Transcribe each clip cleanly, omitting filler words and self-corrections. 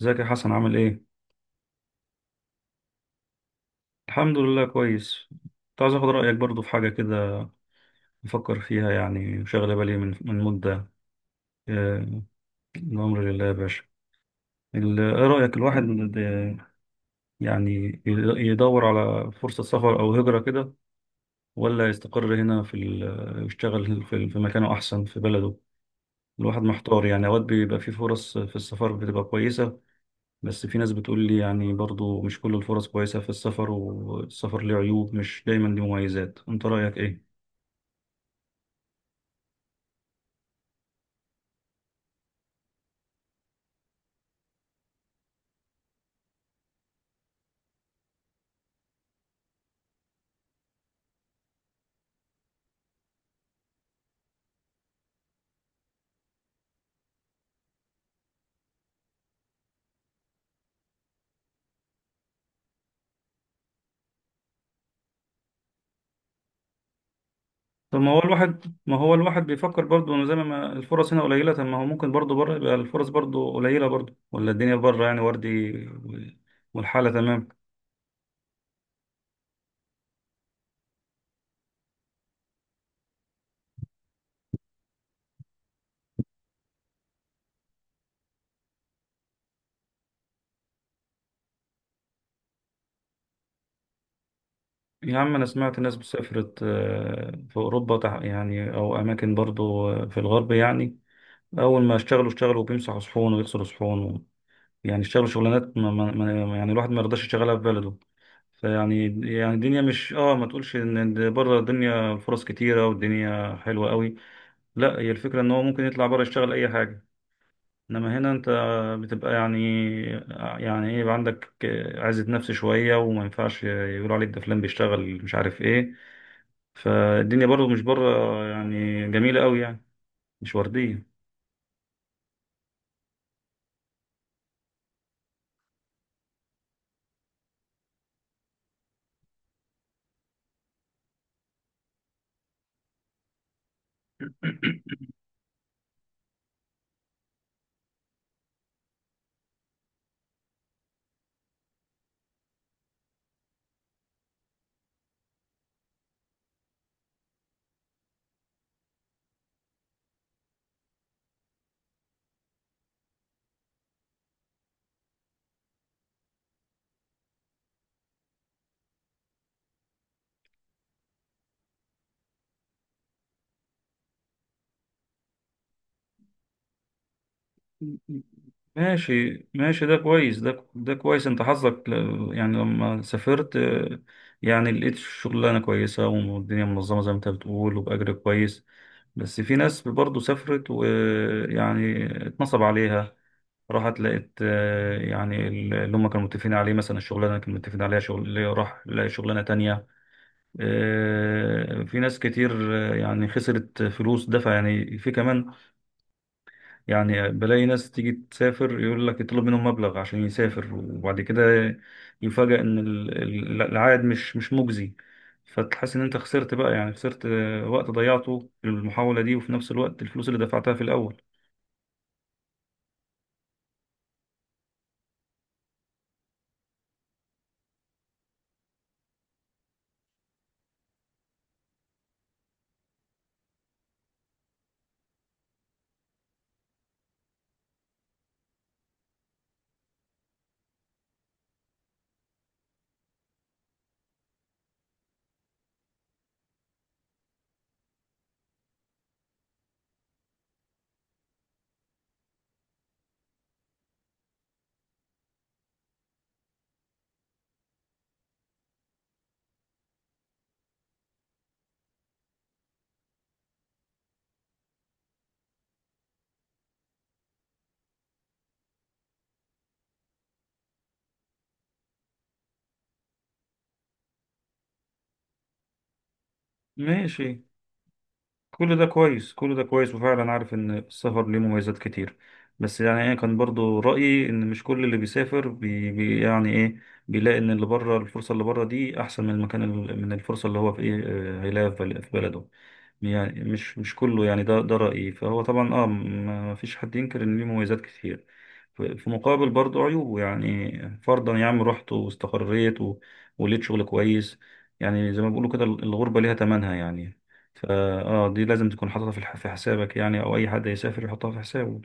ازيك يا حسن عامل ايه؟ الحمد لله كويس. كنت عايز اخد رأيك برضو في حاجة كده بفكر فيها، يعني وشاغلة بالي من مدة. آه، الأمر لله يا باشا. ايه رأيك الواحد يعني يدور على فرصة سفر أو هجرة كده، ولا يستقر هنا في يشتغل في مكانه أحسن في بلده؟ الواحد محتار يعني، أوقات بيبقى في فرص في السفر بتبقى كويسة، بس في ناس بتقول لي يعني برضو مش كل الفرص كويسة في السفر، والسفر ليه عيوب مش دايما ليه مميزات، انت رأيك ايه؟ طب ما هو الواحد، ما هو الواحد بيفكر برضه انه زي ما الفرص هنا قليله، طب ما هو ممكن برضه بره يبقى الفرص برضه قليله برضه، ولا الدنيا بره يعني وردي والحاله تمام؟ يا عم انا سمعت ناس سافرت، في اوروبا يعني او اماكن برضه، في الغرب يعني، اول ما اشتغلوا اشتغلوا بيمسحوا صحون ويغسلوا صحون و... يعني اشتغلوا شغلانات ما يعني الواحد ما يرضاش يشتغلها في بلده. فيعني الدنيا مش اه، ما تقولش ان بره الدنيا فرص كتيره والدنيا حلوه قوي. لا، هي الفكرة ان هو ممكن يطلع بره يشتغل اي حاجة، انما هنا انت بتبقى يعني، يعني ايه، يبقى عندك عزة نفس شوية، وما ينفعش يقول عليك ده فلان بيشتغل مش عارف ايه. فالدنيا برضه مش بره يعني جميلة قوي يعني، مش وردية. ماشي ماشي، ده كويس، ده كويس. انت حظك يعني لما سافرت، يعني لقيت شغلانه كويسه والدنيا منظمه زي ما انت بتقول، وباجر كويس. بس في ناس برضه سافرت ويعني اتنصب عليها، راحت لقيت، يعني اللي هم كانوا متفقين عليه مثلا الشغلانه كانوا متفقين عليها شغل، اللي راح لقى شغلانه تانية، في ناس كتير، يعني خسرت فلوس دفع يعني في كمان. يعني بلاقي ناس تيجي تسافر، يقول لك يطلب منهم مبلغ عشان يسافر، وبعد كده يفاجأ ان العائد مش مجزي. فتحس ان انت خسرت بقى، يعني خسرت، وقت ضيعته في المحاولة دي، وفي نفس الوقت الفلوس اللي دفعتها في الاول. ماشي، كل ده كويس، كل ده كويس، وفعلا عارف ان السفر ليه مميزات كتير. بس يعني انا كان برضو رأيي ان مش كل اللي بيسافر بي بي يعني ايه، بيلاقي ان اللي بره، الفرصة اللي بره دي احسن من المكان من الفرصة اللي هو في ايه، هيلاقيها في في بلده. يعني مش كله يعني، ده رأيي. فهو طبعا اه ما فيش حد ينكر ان ليه مميزات كتير، في مقابل برضو عيوب. يعني فرضا يا عم، رحت واستقريت ولقيت شغل كويس، يعني زي ما بيقولوا كده الغربة ليها ثمنها يعني. فا اه، دي لازم تكون حاططها في في حسابك، يعني او اي حد هيسافر يحطها في حسابه.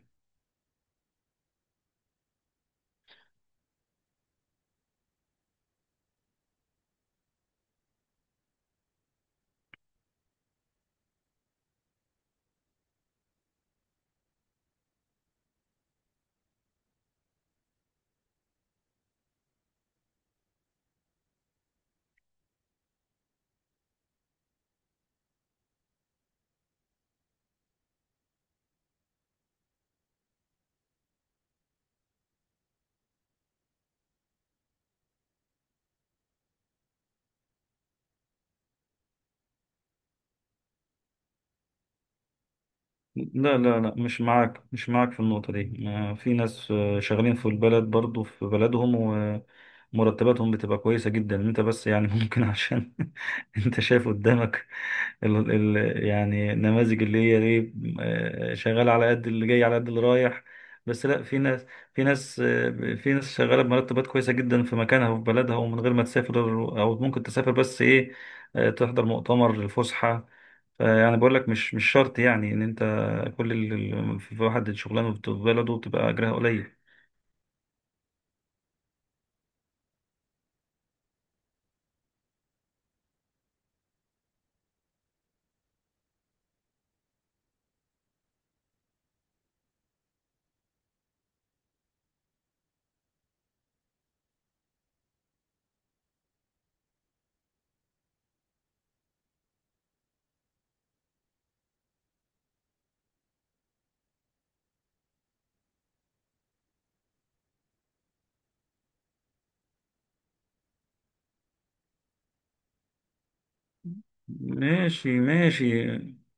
لا لا لا، مش معاك، مش معاك في النقطة دي. في ناس، شغالين في البلد برضو في بلدهم، ومرتباتهم بتبقى كويسة جدا. انت بس يعني ممكن عشان انت شايف قدامك ال ال يعني النماذج اللي هي ايه، شغال على قد اللي جاي على قد اللي رايح. بس لا، في ناس، في ناس، في ناس شغالة بمرتبات كويسة جدا في مكانها وفي بلدها، ومن غير ما تسافر. او ممكن تسافر بس ايه، تحضر مؤتمر الفسحة. يعني بقول لك مش شرط يعني ان انت كل في واحد شغلانه في بلده بتبقى اجرها قليل. ماشي ماشي،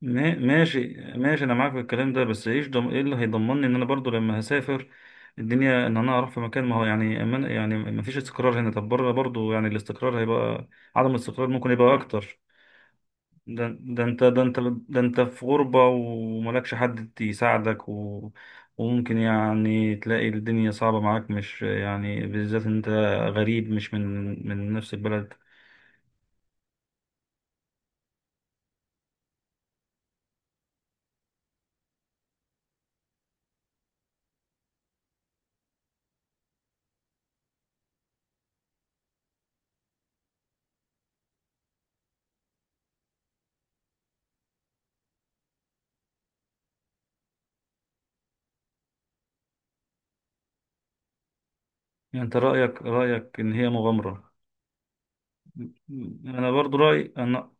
ماشي ماشي، انا معاك في الكلام ده. بس ايش ايه اللي هيضمنني ان انا برضو لما هسافر الدنيا، ان انا اروح في مكان ما هو يعني، يعني ما فيش استقرار هنا، طب بره برضو يعني الاستقرار هيبقى عدم الاستقرار ممكن يبقى اكتر. ده انت، ده انت ده انت في غربة وملكش حد يساعدك و... وممكن يعني تلاقي الدنيا صعبة معاك، مش يعني بالذات ان انت غريب، مش من من نفس البلد. يعني انت رأيك ان هي مغامرة. انا برضو رأيي، انا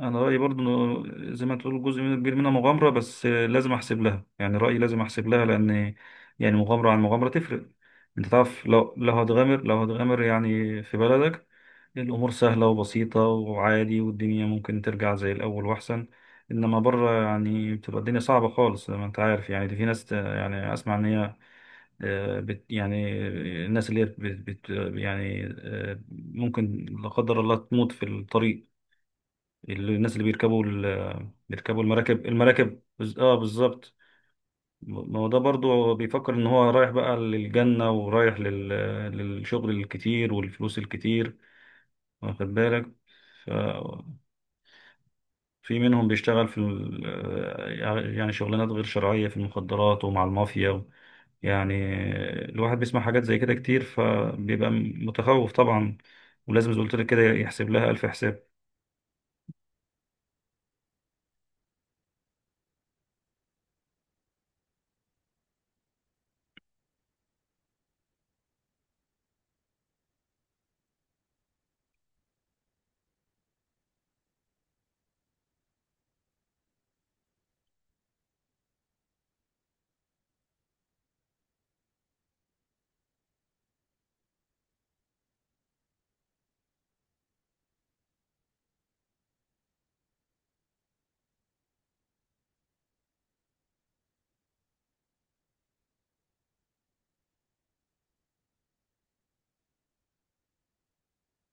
انا رايي برضو إنه زي ما تقول جزء منه كبير منها مغامره، بس لازم احسب لها. يعني رايي لازم احسب لها، لان يعني مغامره عن مغامره تفرق. انت تعرف، لو هتغامر، لو هتغامر يعني في بلدك الامور سهله وبسيطه وعادي، والدنيا ممكن ترجع زي الاول واحسن. انما بره يعني بتبقى الدنيا صعبه خالص، زي ما انت عارف يعني. دي في ناس يعني اسمع ان هي، بت يعني، الناس اللي هي بت، بت، يعني ممكن لا قدر الله تموت في الطريق. الناس اللي بيركبوا بيركبوا المراكب، المراكب اه بالظبط. ما هو ده برضه هو بيفكر ان هو رايح بقى للجنة، ورايح لل... للشغل الكتير والفلوس الكتير، واخد بالك. ف... في منهم بيشتغل في ال... يعني شغلانات غير شرعية في المخدرات ومع المافيا و... يعني الواحد بيسمع حاجات زي كده كتير، فبيبقى متخوف طبعا، ولازم زي ما قلت لك كده يحسب لها ألف حساب.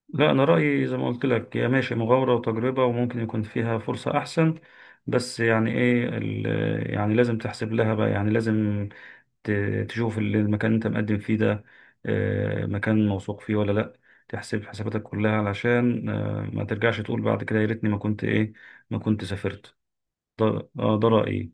لا، أنا رأيي زي ما قلت لك، هي ماشي مغامرة وتجربة، وممكن يكون فيها فرصة أحسن، بس يعني إيه يعني لازم تحسب لها بقى، يعني لازم ت- تشوف المكان اللي أنت مقدم فيه ده، مكان موثوق فيه ولا لأ. تحسب حساباتك كلها علشان ما ترجعش تقول بعد كده يا ريتني ما كنت إيه، ما كنت سافرت. ده ده رأيي.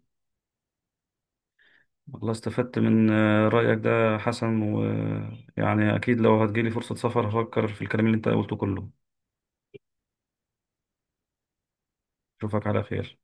والله استفدت من رأيك ده حسن، ويعني أكيد لو هتجيلي فرصة سفر هفكر في الكلام اللي أنت قلته كله. أشوفك على خير.